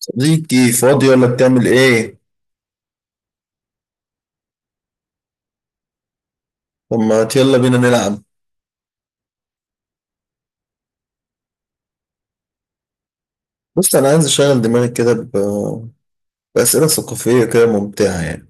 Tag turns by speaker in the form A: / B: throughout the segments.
A: صديقي فاضي ولا بتعمل ايه؟ طب ما يلا بينا نلعب. بص انا عايز اشغل دماغي كده بأسئلة ثقافية كده ممتعة يعني.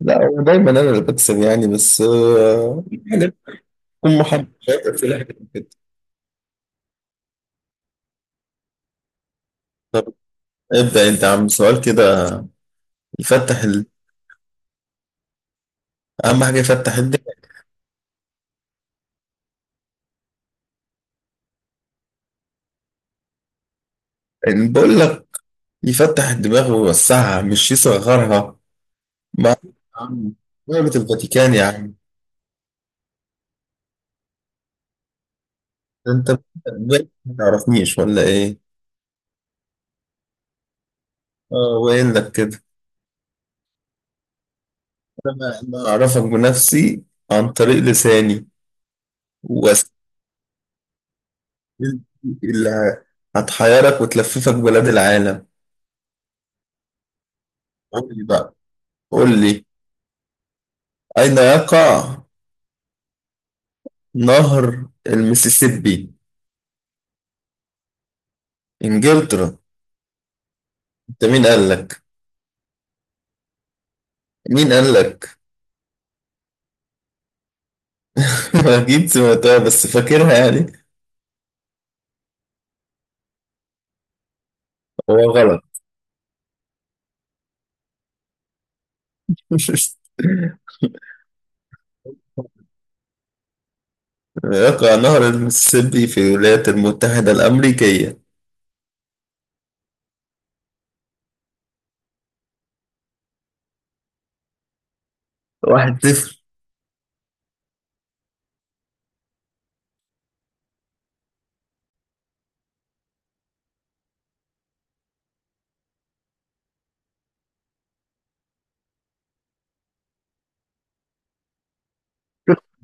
A: لا هو دايما انا اللي بكسب يعني بس يعني تكون محب شاطر في الحاجات كده. طب ابدأ انت يا عم سؤال كده يفتح اهم حاجة يفتح الدماغ. يعني بقول لك يفتح الدماغ ويوسعها مش يصغرها. ما عم دولة الفاتيكان يا عم. انت ما تعرفنيش ولا ايه؟ اه وين لك كده. أنا اعرفك بنفسي عن طريق لساني وأس- اللي هتحيرك وتلففك بلاد العالم. قول لي بقى، قول لي، اين يقع نهر المسيسيبي؟ انجلترا؟ انت مين قال لك؟ مين قال لك؟ اكيد سمعتها بس فاكرها يعني. هو غلط. يقع نهر المسيسيبي في الولايات المتحدة الأمريكية. 1-0.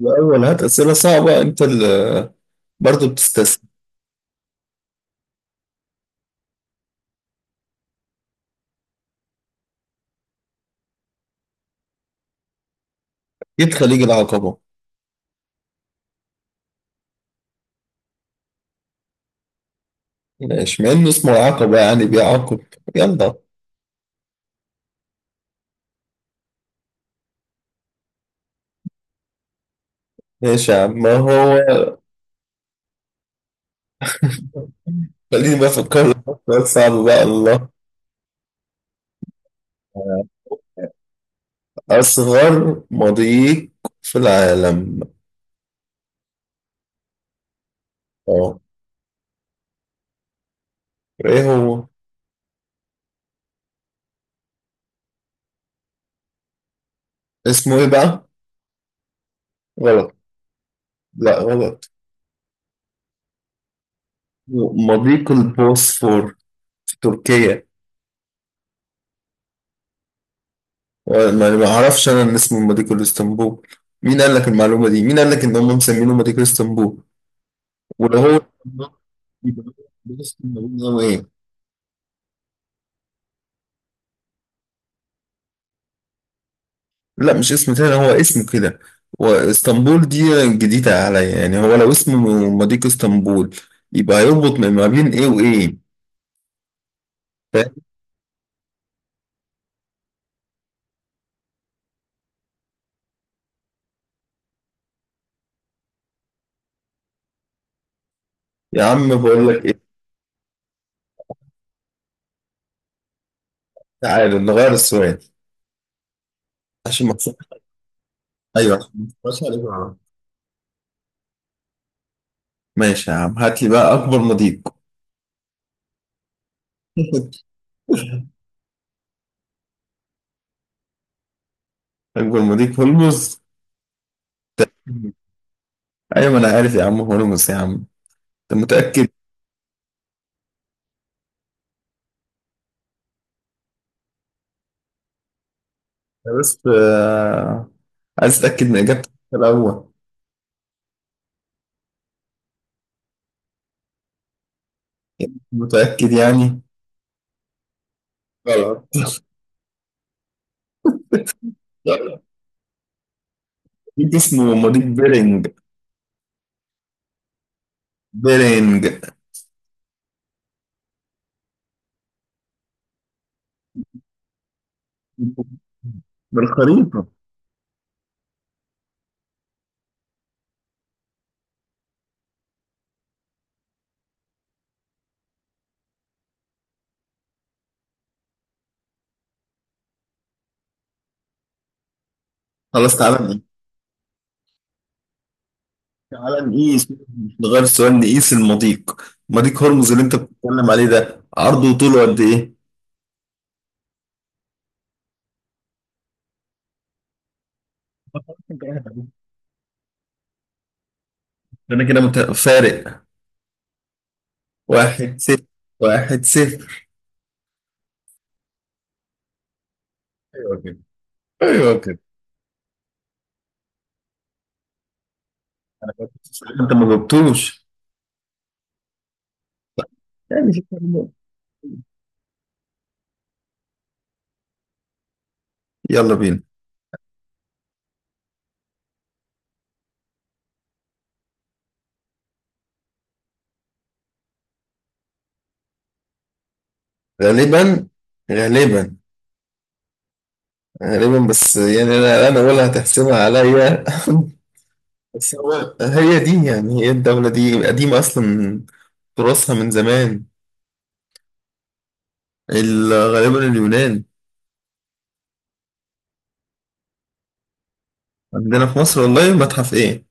A: الأول هات أسئلة صعبة أنت اللي برضه بتستسهل. أكيد خليج العقبة. ماشي مع إنه اسمه العقبة يعني بيعاقب. يلا. ماشي يا عم ما هو. خليني بقى أفكر لك في سؤال صعب بقى. الله. أصغر مضيق في العالم. أه. إيه هو؟ اسمه إيه بقى؟ غلط. لا غلط. مضيق البوسفور في تركيا. أه، ما ما أعرفش أنا إن اسمه مضيق الإسطنبول. مين قال لك المعلومة دي؟ مين قال لك إن هم مسمينه مضيق الإسطنبول؟ ولو هو يبقى. بص، إن هو إيه؟ لا مش اسم تاني، هو اسمه كده. واسطنبول دي جديدة عليا. يعني هو لو اسمه مضيق اسطنبول يبقى هيربط ما بين ايه وايه؟ فاهم؟ يا عم بقول لك ايه. تعالى نغير السؤال عشان ما تصحش. ايوه عشان ما تصحش عليك غلط. ماشي يا عم، هات لي بقى اكبر مضيق. اكبر مضيق هرمز. ايوه ما انا عارف يا عم هرمز يا عم. انت متأكد؟ أنا بس عايز اتأكد من اجابتك الاول. متأكد يعني؟ غلط. مضيف اسمه مضيف بيرنج، بيرنج. بالخريطة. خلاص تعالى نقيس. تعالى نقيس مش نغير السؤال، نقيس المضيق. مضيق هرمز اللي انت بتتكلم عليه ده عرضه وطوله قد ايه؟ انا كده فارق. 1-0. 1-0. ايوه كده. ايوه كده. انا كنت بسألك، انت ما جبتوش. يعني شكراً لله. يلا بينا. غالبا. غالبا. غالبا بس يعني انا ولا هتحسبها عليا. بس هو، هي دي يعني، هي الدولة دي قديمة أصلا، تراثها من زمان. غالبا اليونان. عندنا في مصر والله؟ متحف إيه؟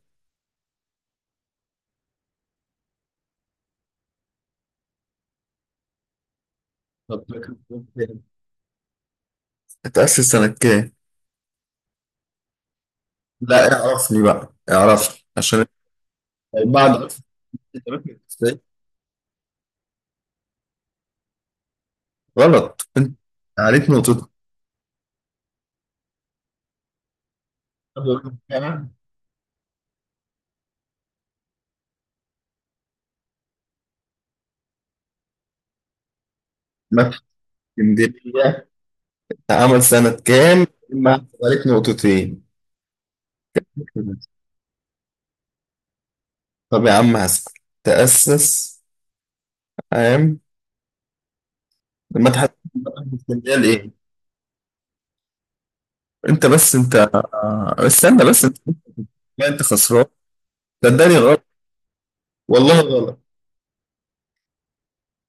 A: طب فاكر متحف إيه؟ اتأسس سنة كام؟ لا اعرفني بقى، اعرفني عشان. بعد. غلط أنت. عارف نقطة. متحف اسكندرية اتعمل سنة كام؟ ما عليك نقطتين. طب يا عم هسأل. تأسس عام المتحف. المتحف الاسكندرية لإيه؟ انت بس انت، استنى بس انت. لا انت خسران. صدقني غلط. والله غلط.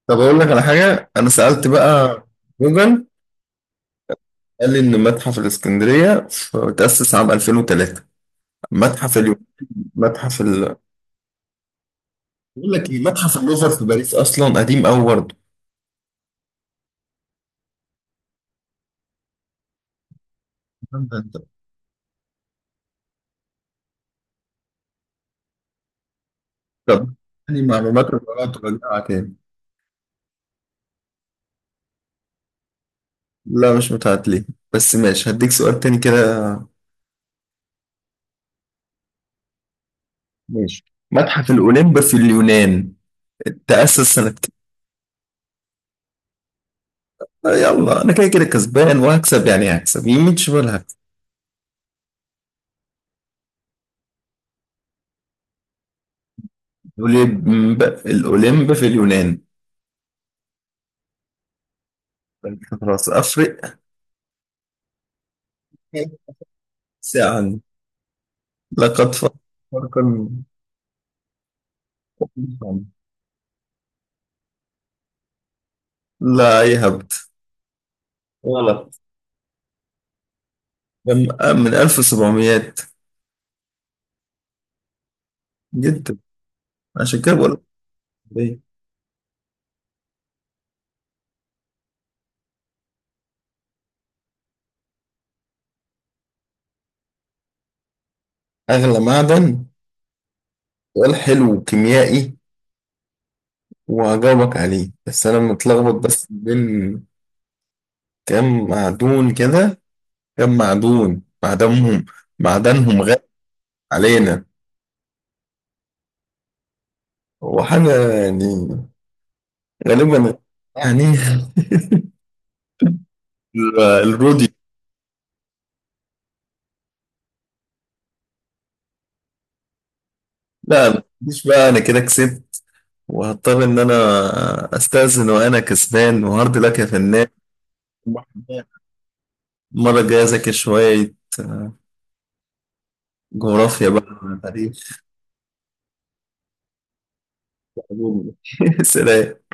A: طب اقول لك على حاجه، انا سالت بقى جوجل، قال لي ان متحف الاسكندريه تاسس عام 2003. متحف اليوم. متحف ال. بقول لك ايه، متحف اللوفر في باريس اصلا قديم قوي برضه. انت طب يعني معلومات الوراء تراجعها تاني. لا مش متعادلين بس ماشي، هديك سؤال تاني كده. ماشي. متحف الاولمب في اليونان تاسس سنه؟ يلا انا كده كده كسبان وهكسب، يعني هكسب يمين شمال هكسب. الاولمب الاولمب في اليونان. فأنت خلاص افرق. ساعة. لقد فرق. لا يهبط. غلط. من من 1700. جدا. عشان كده بقول لك ليه. اغلى معدن، سؤال حلو كيميائي وهجاوبك عليه، بس انا متلخبط بس بين كام معدون كده، كام معدون، معدنهم، معدنهم غالي علينا. هو حاجة يعني غالبا يعني الرودي. لا لا، مش بقى، انا كده كسبت وهضطر ان انا استأذن وانا كسبان، وهارد لك يا فنان. المرة الجاية اذاكر شوية جغرافيا بقى، تاريخ، علوم. سلام.